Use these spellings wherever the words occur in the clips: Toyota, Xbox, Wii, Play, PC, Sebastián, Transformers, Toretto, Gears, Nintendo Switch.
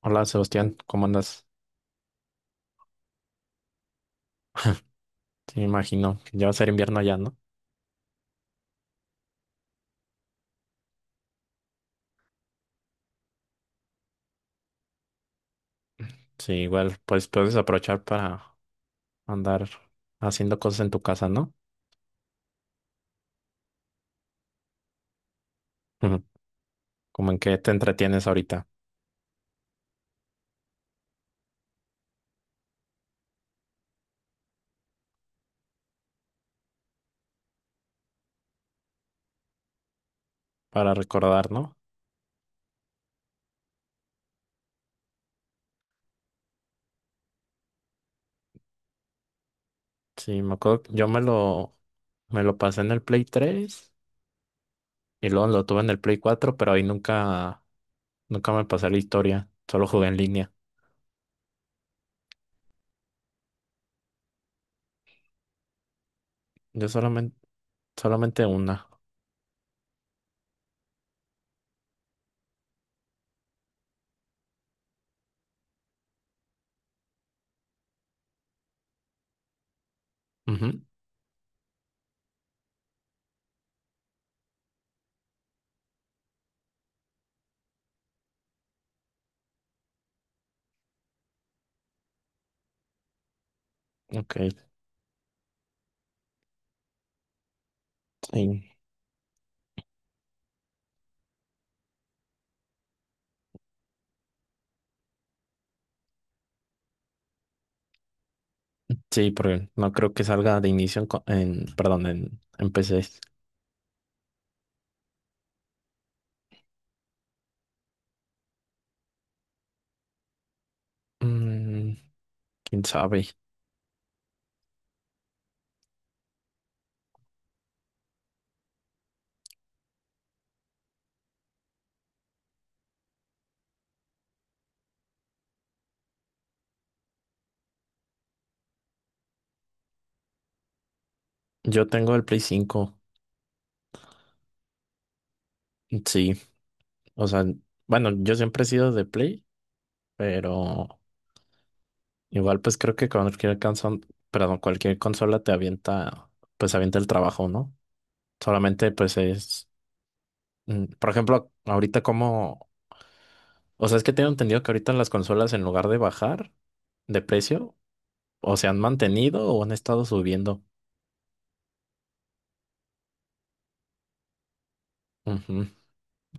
Hola Sebastián, ¿cómo andas? Sí, me imagino que ya va a ser invierno allá, ¿no? Sí, igual, pues puedes aprovechar para andar haciendo cosas en tu casa, ¿no? Ujú. ¿Como en qué te entretienes ahorita, para recordar, ¿no? Sí, me acuerdo, que yo me lo pasé en el Play 3 y luego lo tuve en el Play 4, pero ahí nunca me pasé la historia, solo jugué en línea. Yo solamente, Solamente una. Ujú. Ok, sí. Sí, porque no creo que salga de inicio en, perdón, en PC. Mm, quién sabe. Yo tengo el Play 5. Sí. O sea, bueno, yo siempre he sido de Play, pero igual pues creo que cualquier cualquier consola te avienta, pues avienta el trabajo, ¿no? Solamente pues es, mm, Por ejemplo, o sea, es que tengo entendido que ahorita las consolas en lugar de bajar de precio, o se han mantenido o han estado subiendo. Ujú.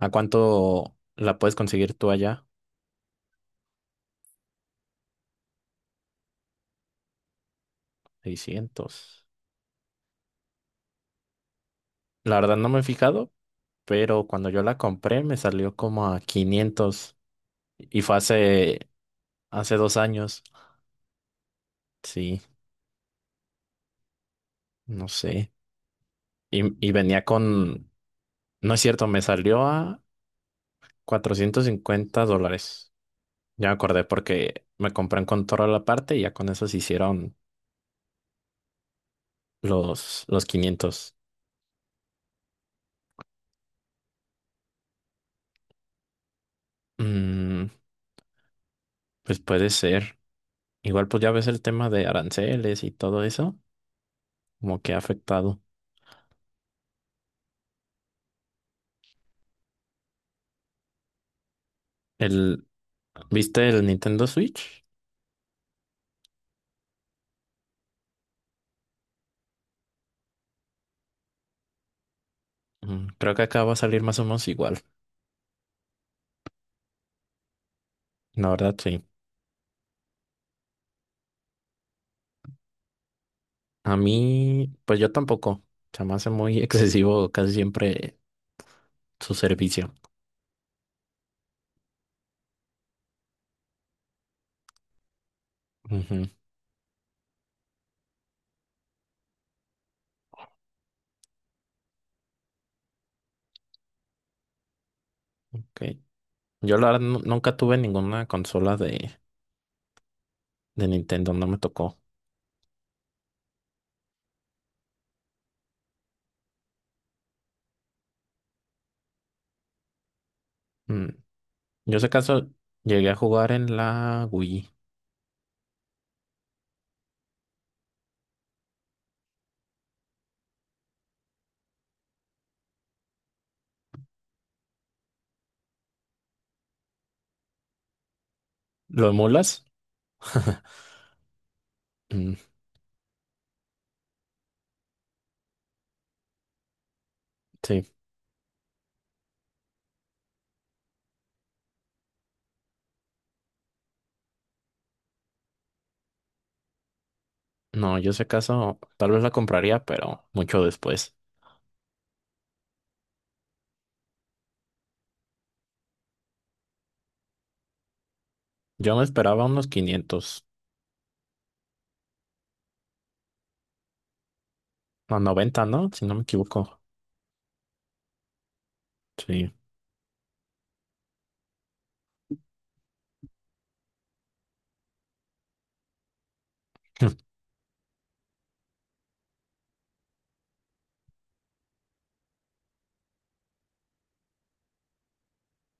¿A cuánto la puedes conseguir tú allá? 600. La verdad no me he fijado, pero cuando yo la compré me salió como a 500 y fue hace 2 años, sí, no sé. Y venía con, no es cierto, me salió a $450. Ya me acordé porque me compré un control la parte y ya con eso se hicieron los 500. Mm, pues puede ser. Igual pues ya ves el tema de aranceles y todo eso, como que ha afectado. El, ¿viste el Nintendo Switch? Mm, creo que acá va a salir más o menos igual. La verdad, sí. A mí, pues yo tampoco. Se me hace muy excesivo casi siempre su servicio. Ujú, ok. Yo la verdad nunca tuve ninguna consola de Nintendo, no me tocó. Mm, yo, si caso llegué a jugar en la Wii. ¿Lo emulas? Mm, sí. No, yo, si caso tal vez la compraría, pero mucho después. Yo me esperaba unos 500, no, 90, ¿no? Si no me equivoco. Sí.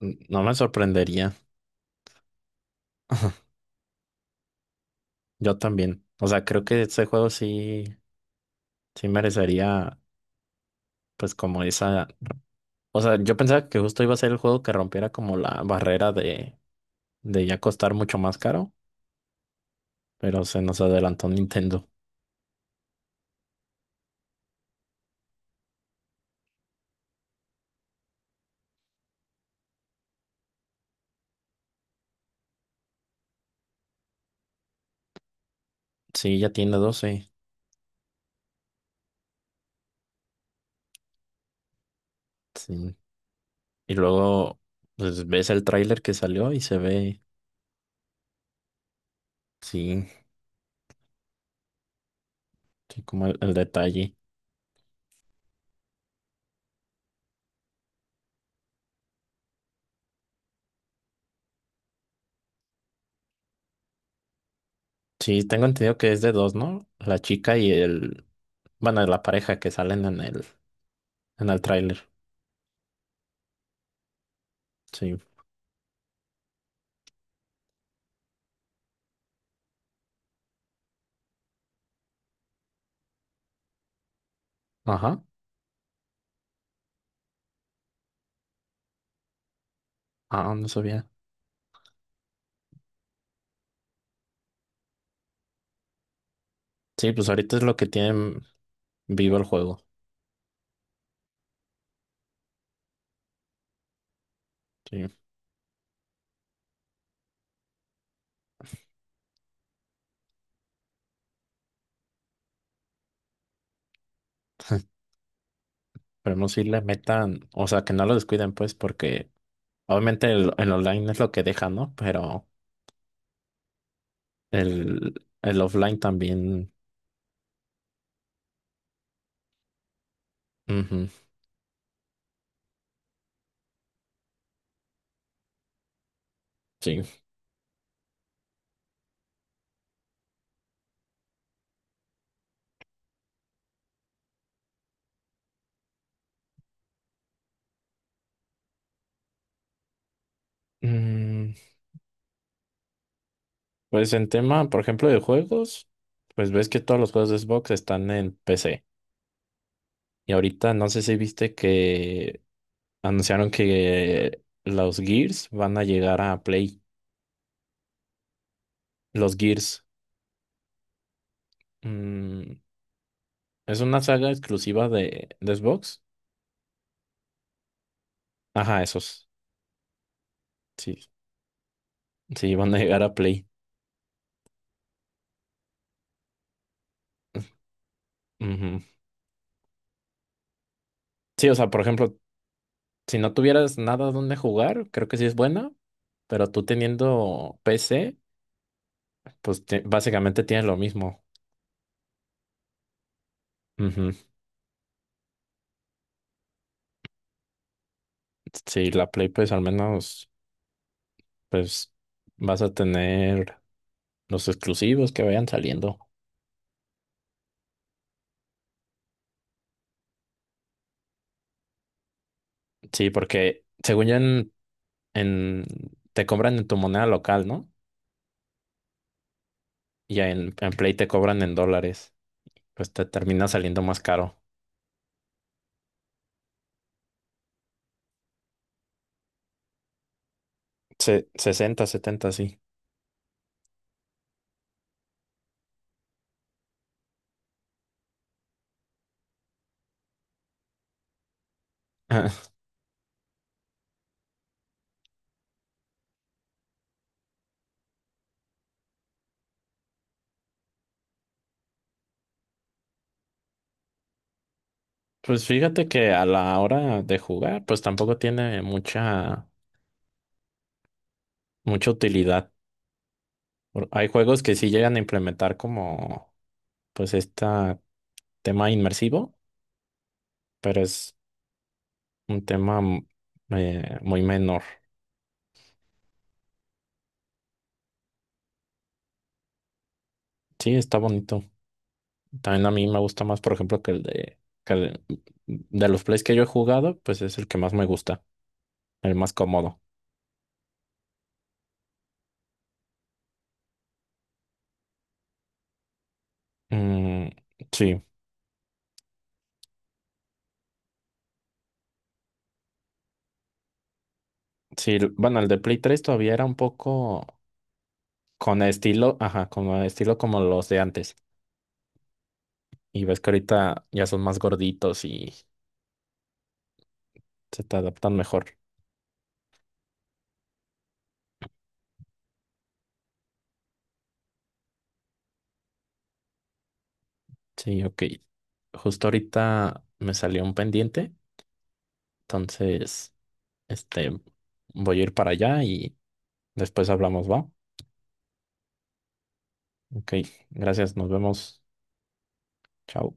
No me sorprendería, yo también. O sea, creo que este juego sí, sí merecería, pues como esa... O sea, yo pensaba que justo iba a ser el juego que rompiera como la barrera de ya costar mucho más caro, pero se nos adelantó Nintendo. Sí, ya tiene 12 años. Sí. Y luego, pues ves el tráiler que salió y se ve, sí, sí, como el detalle. Sí, tengo entendido que es de dos, ¿no? La chica y el, bueno, la pareja que salen en el tráiler. Sí. Ajá. Ah, no sabía. Sí, pues ahorita es lo que tienen vivo el juego. Sí. Esperemos si le metan, o sea, que no lo descuiden, pues, porque obviamente el online es lo que deja, ¿no? Pero el offline también. Ujú, sí. Mm, pues en tema, por ejemplo, de juegos, pues ves que todos los juegos de Xbox están en PC. Y ahorita no sé si viste que anunciaron que los Gears van a llegar a Play. Los Gears. Mm, es una saga exclusiva de Xbox. Ajá, esos. Sí, sí, van a llegar a Play. Ujú. Sí, o sea, por ejemplo, si no tuvieras nada donde jugar, creo que sí es buena, pero tú teniendo PC, pues básicamente tienes lo mismo. Ujú. Sí, la Play, pues al menos, pues vas a tener los exclusivos que vayan saliendo. Sí, porque según yo en- te cobran en tu moneda local, ¿no? Y en Play te cobran en dólares, pues te termina saliendo más caro. 60, 70 sí. Pues fíjate que a la hora de jugar, pues tampoco tiene mucha, mucha utilidad. Hay juegos que sí llegan a implementar como, pues, este tema inmersivo, pero es un tema muy menor. Sí, está bonito. También a mí me gusta más, por ejemplo, que el de, que el- de los plays que yo he jugado, pues es el que más me gusta, el más cómodo. Mm, sí. Sí, bueno, el de Play 3 todavía era un poco con estilo, ajá, como estilo como los de antes. Y ves que ahorita ya son más gorditos y se te adaptan mejor. Sí, ok. Justo ahorita me salió un pendiente, entonces, este, voy a ir para allá y después hablamos, ¿va? Ok, gracias, nos vemos. Chao.